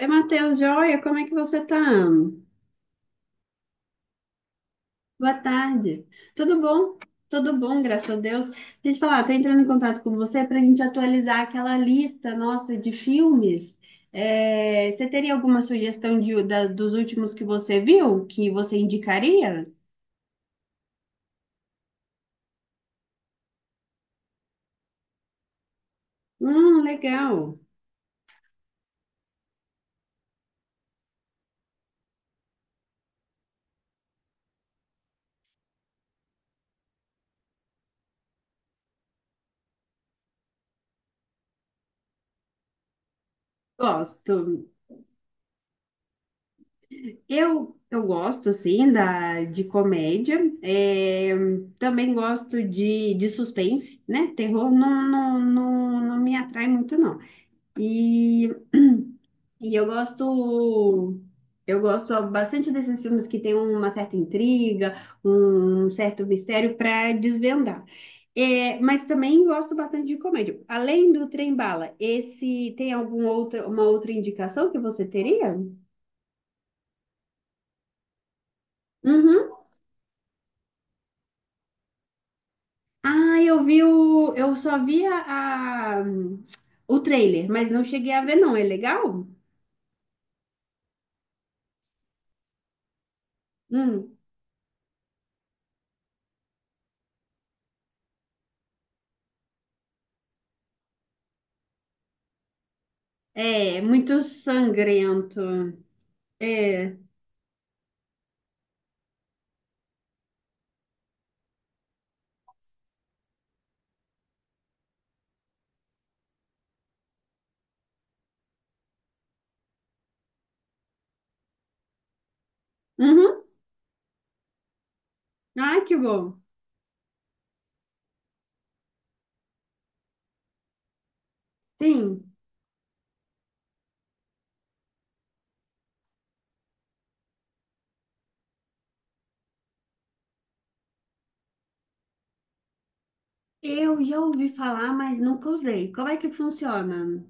Oi, Matheus, joia, como é que você tá? Boa tarde. Tudo bom? Tudo bom, graças a Deus. Deixa eu te falar, tô entrando em contato com você para a gente atualizar aquela lista nossa de filmes. É, você teria alguma sugestão dos últimos que você viu, que você indicaria? Legal. Gosto. Eu gosto, sim, de comédia. É, também gosto de suspense, né? Terror não, não me atrai muito, não. E, e eu eu gosto bastante desses filmes que tem uma certa intriga, um certo mistério para desvendar. É, mas também gosto bastante de comédia. Além do Trem Bala, esse tem algum outra, uma outra indicação que você teria? Uhum. Ah, eu vi eu só vi o trailer, mas não cheguei a ver não. É legal? Hum. É muito sangrento. É. Uhum. Ah, que bom. Sim, eu já ouvi falar, mas nunca usei. Como é que funciona?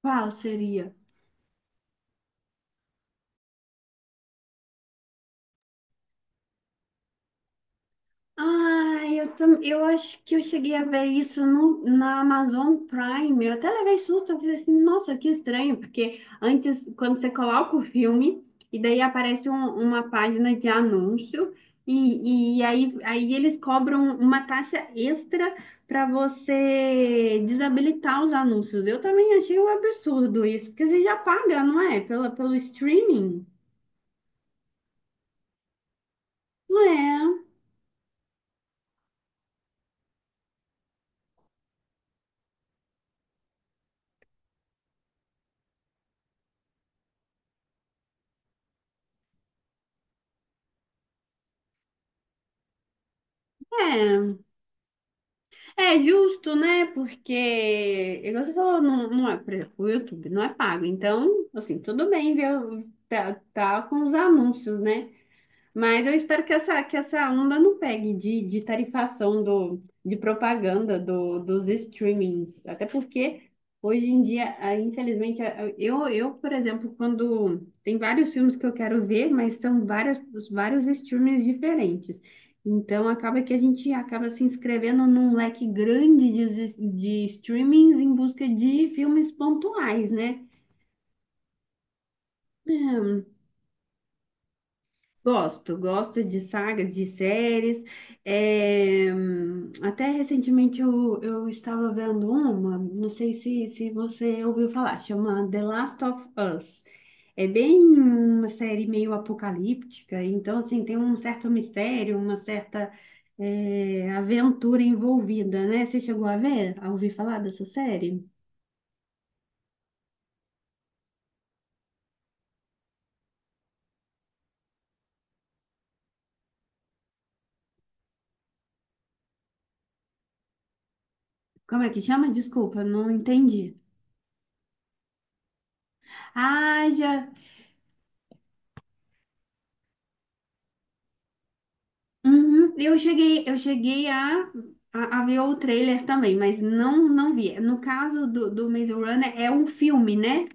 Qual seria? Ah, eu acho que eu cheguei a ver isso no, na Amazon Prime. Eu até levei susto, eu falei assim, nossa, que estranho, porque antes, quando você coloca o filme, e daí aparece uma página de anúncio, aí eles cobram uma taxa extra para você desabilitar os anúncios. Eu também achei um absurdo isso, porque você já paga, não é? Pela, pelo streaming. Não é? É. É justo, né? Porque, igual você falou, não é, por exemplo, o YouTube não é pago. Então, assim, tudo bem ver, tá, tá com os anúncios, né? Mas eu espero que que essa onda não pegue de tarifação do, de propaganda dos streamings. Até porque hoje em dia, ah, infelizmente, ah, por exemplo, quando tem vários filmes que eu quero ver, mas são várias, vários streamings diferentes. Então acaba que a gente acaba se inscrevendo num leque grande de streamings em busca de filmes pontuais, né? Gosto, gosto de sagas, de séries. É, até recentemente eu estava vendo uma, não sei se você ouviu falar, chama The Last of Us. É bem uma série meio apocalíptica, então assim, tem um certo mistério, uma certa é, aventura envolvida, né? Você chegou a ver, a ouvir falar dessa série? Como é que chama? Desculpa, não entendi. Ah, já. Uhum. Eu cheguei a ver o trailer também, mas não vi. No caso do Maze Runner, é um filme, né?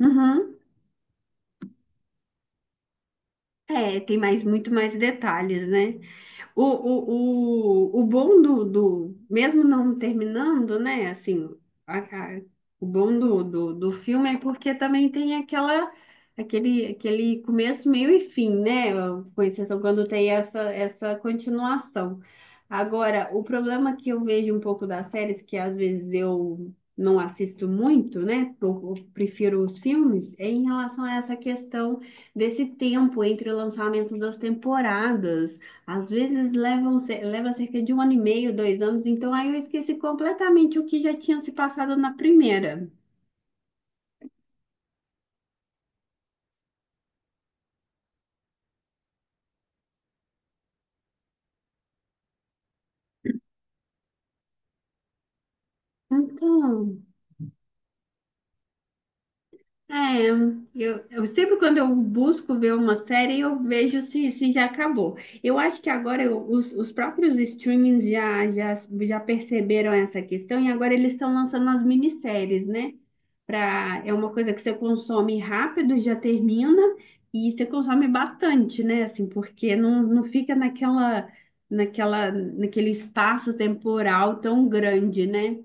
Uhum. É, tem mais, muito mais detalhes, né? O bom mesmo não terminando, né? Assim, a- a- o bom do filme é porque também tem aquela, aquele começo, meio e fim, né? Com exceção quando tem essa continuação. Agora, o problema que eu vejo um pouco das séries, que às vezes eu não assisto muito, né? Eu prefiro os filmes, é em relação a essa questão desse tempo entre o lançamento das temporadas. Às vezes leva cerca de um ano e meio, dois anos, então aí eu esqueci completamente o que já tinha se passado na primeira. Então, é, eu sempre quando eu busco ver uma série, eu vejo se já acabou. Eu acho que agora os próprios streamings já perceberam essa questão e agora eles estão lançando as minisséries, né? Pra, é uma coisa que você consome rápido, já termina, e você consome bastante, né? Assim, porque não fica naquele espaço temporal tão grande, né?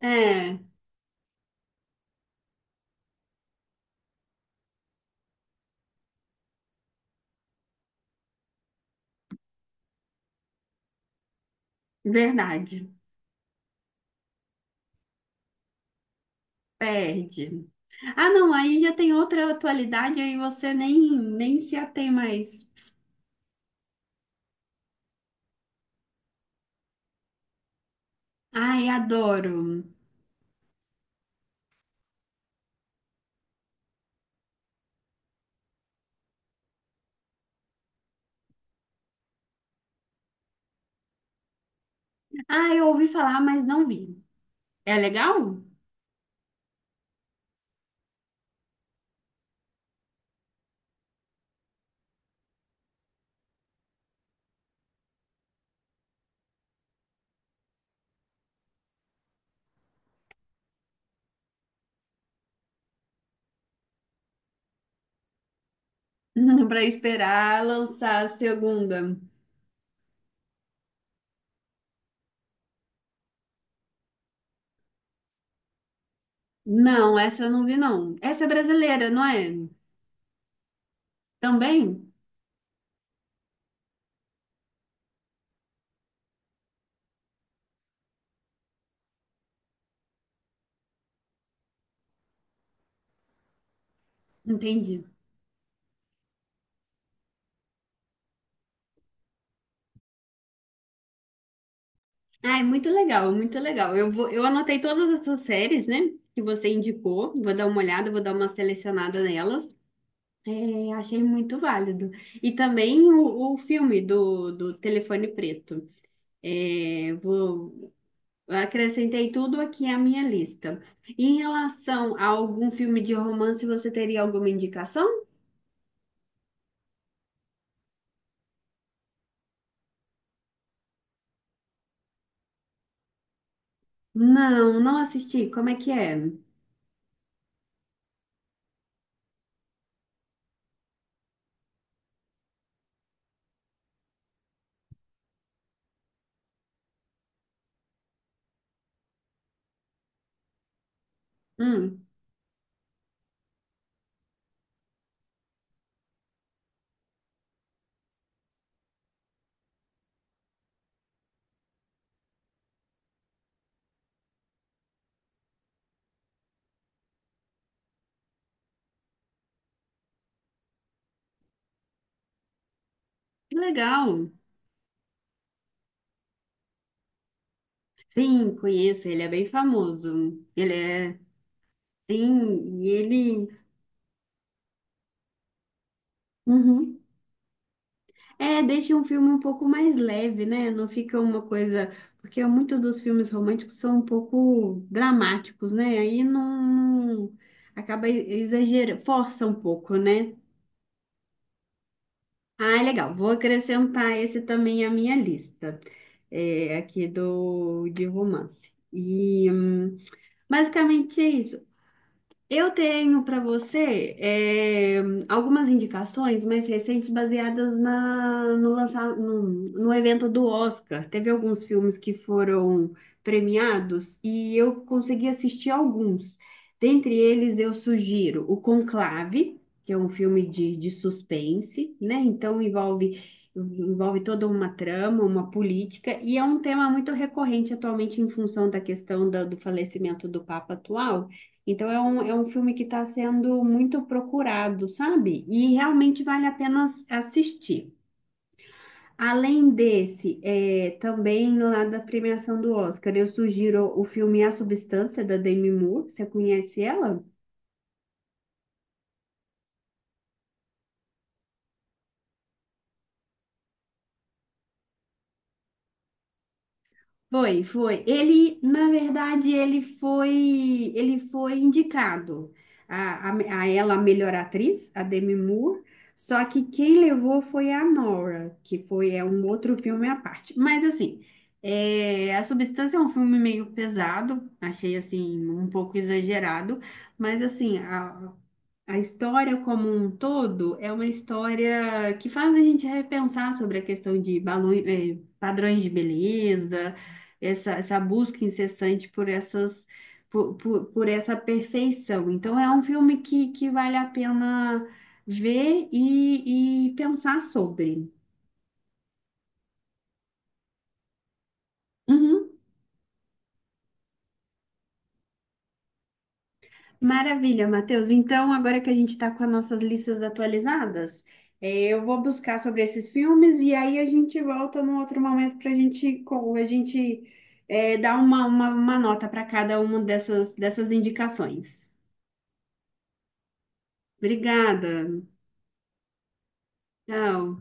É, verdade. Perde. Ah, não, aí já tem outra atualidade, aí você nem se atém mais. Ai, adoro. Ah, eu ouvi falar, mas não vi. É legal? Pra esperar lançar a segunda. Não, essa eu não vi, não. Essa é brasileira, não é? Também? Entendi. Ai, muito legal, muito legal. Eu vou, eu anotei todas essas séries, né, que você indicou. Vou dar uma olhada, vou dar uma selecionada nelas. É, achei muito válido. E também o filme do Telefone Preto. É, vou, acrescentei tudo aqui à minha lista. Em relação a algum filme de romance, você teria alguma indicação? Não, não assisti. Como é? Hum, que legal. Sim, conheço. Ele é bem famoso. Ele é. Sim, e ele. Uhum. É, deixa um filme um pouco mais leve, né? Não fica uma coisa. Porque muitos dos filmes românticos são um pouco dramáticos, né? Aí não. não- Acaba exagerando, força um pouco, né? Ah, legal. Vou acrescentar esse também à minha lista, é, aqui do de romance. E basicamente é isso. Eu tenho para você eh, algumas indicações mais recentes baseadas na, no, lança- no, no evento do Oscar. Teve alguns filmes que foram premiados e eu consegui assistir alguns. Dentre eles, eu sugiro o Conclave, que é um filme de suspense, né? Então envolve, envolve toda uma trama, uma política, e é um tema muito recorrente atualmente em função da questão do falecimento do Papa atual. Então é um filme que está sendo muito procurado, sabe? E realmente vale a pena assistir. Além desse, é, também lá da premiação do Oscar, eu sugiro o filme A Substância, da Demi Moore. Você conhece ela? Foi, foi. Ele, na verdade, ele foi indicado a ela a melhor atriz, a Demi Moore. Só que quem levou foi a Nora, que foi é um outro filme à parte. Mas assim, é, A Substância é um filme meio pesado, achei assim um pouco exagerado, mas assim a história como um todo é uma história que faz a gente repensar sobre a questão de balões, eh, padrões de beleza essa busca incessante por essas por essa perfeição. Então é um filme que vale a pena ver e pensar sobre. Uhum. Maravilha, Matheus. Então, agora que a gente está com as nossas listas atualizadas, é, eu vou buscar sobre esses filmes e aí a gente volta num outro momento para a gente, a gente é, dar uma nota para cada uma dessas, dessas indicações. Obrigada. Tchau.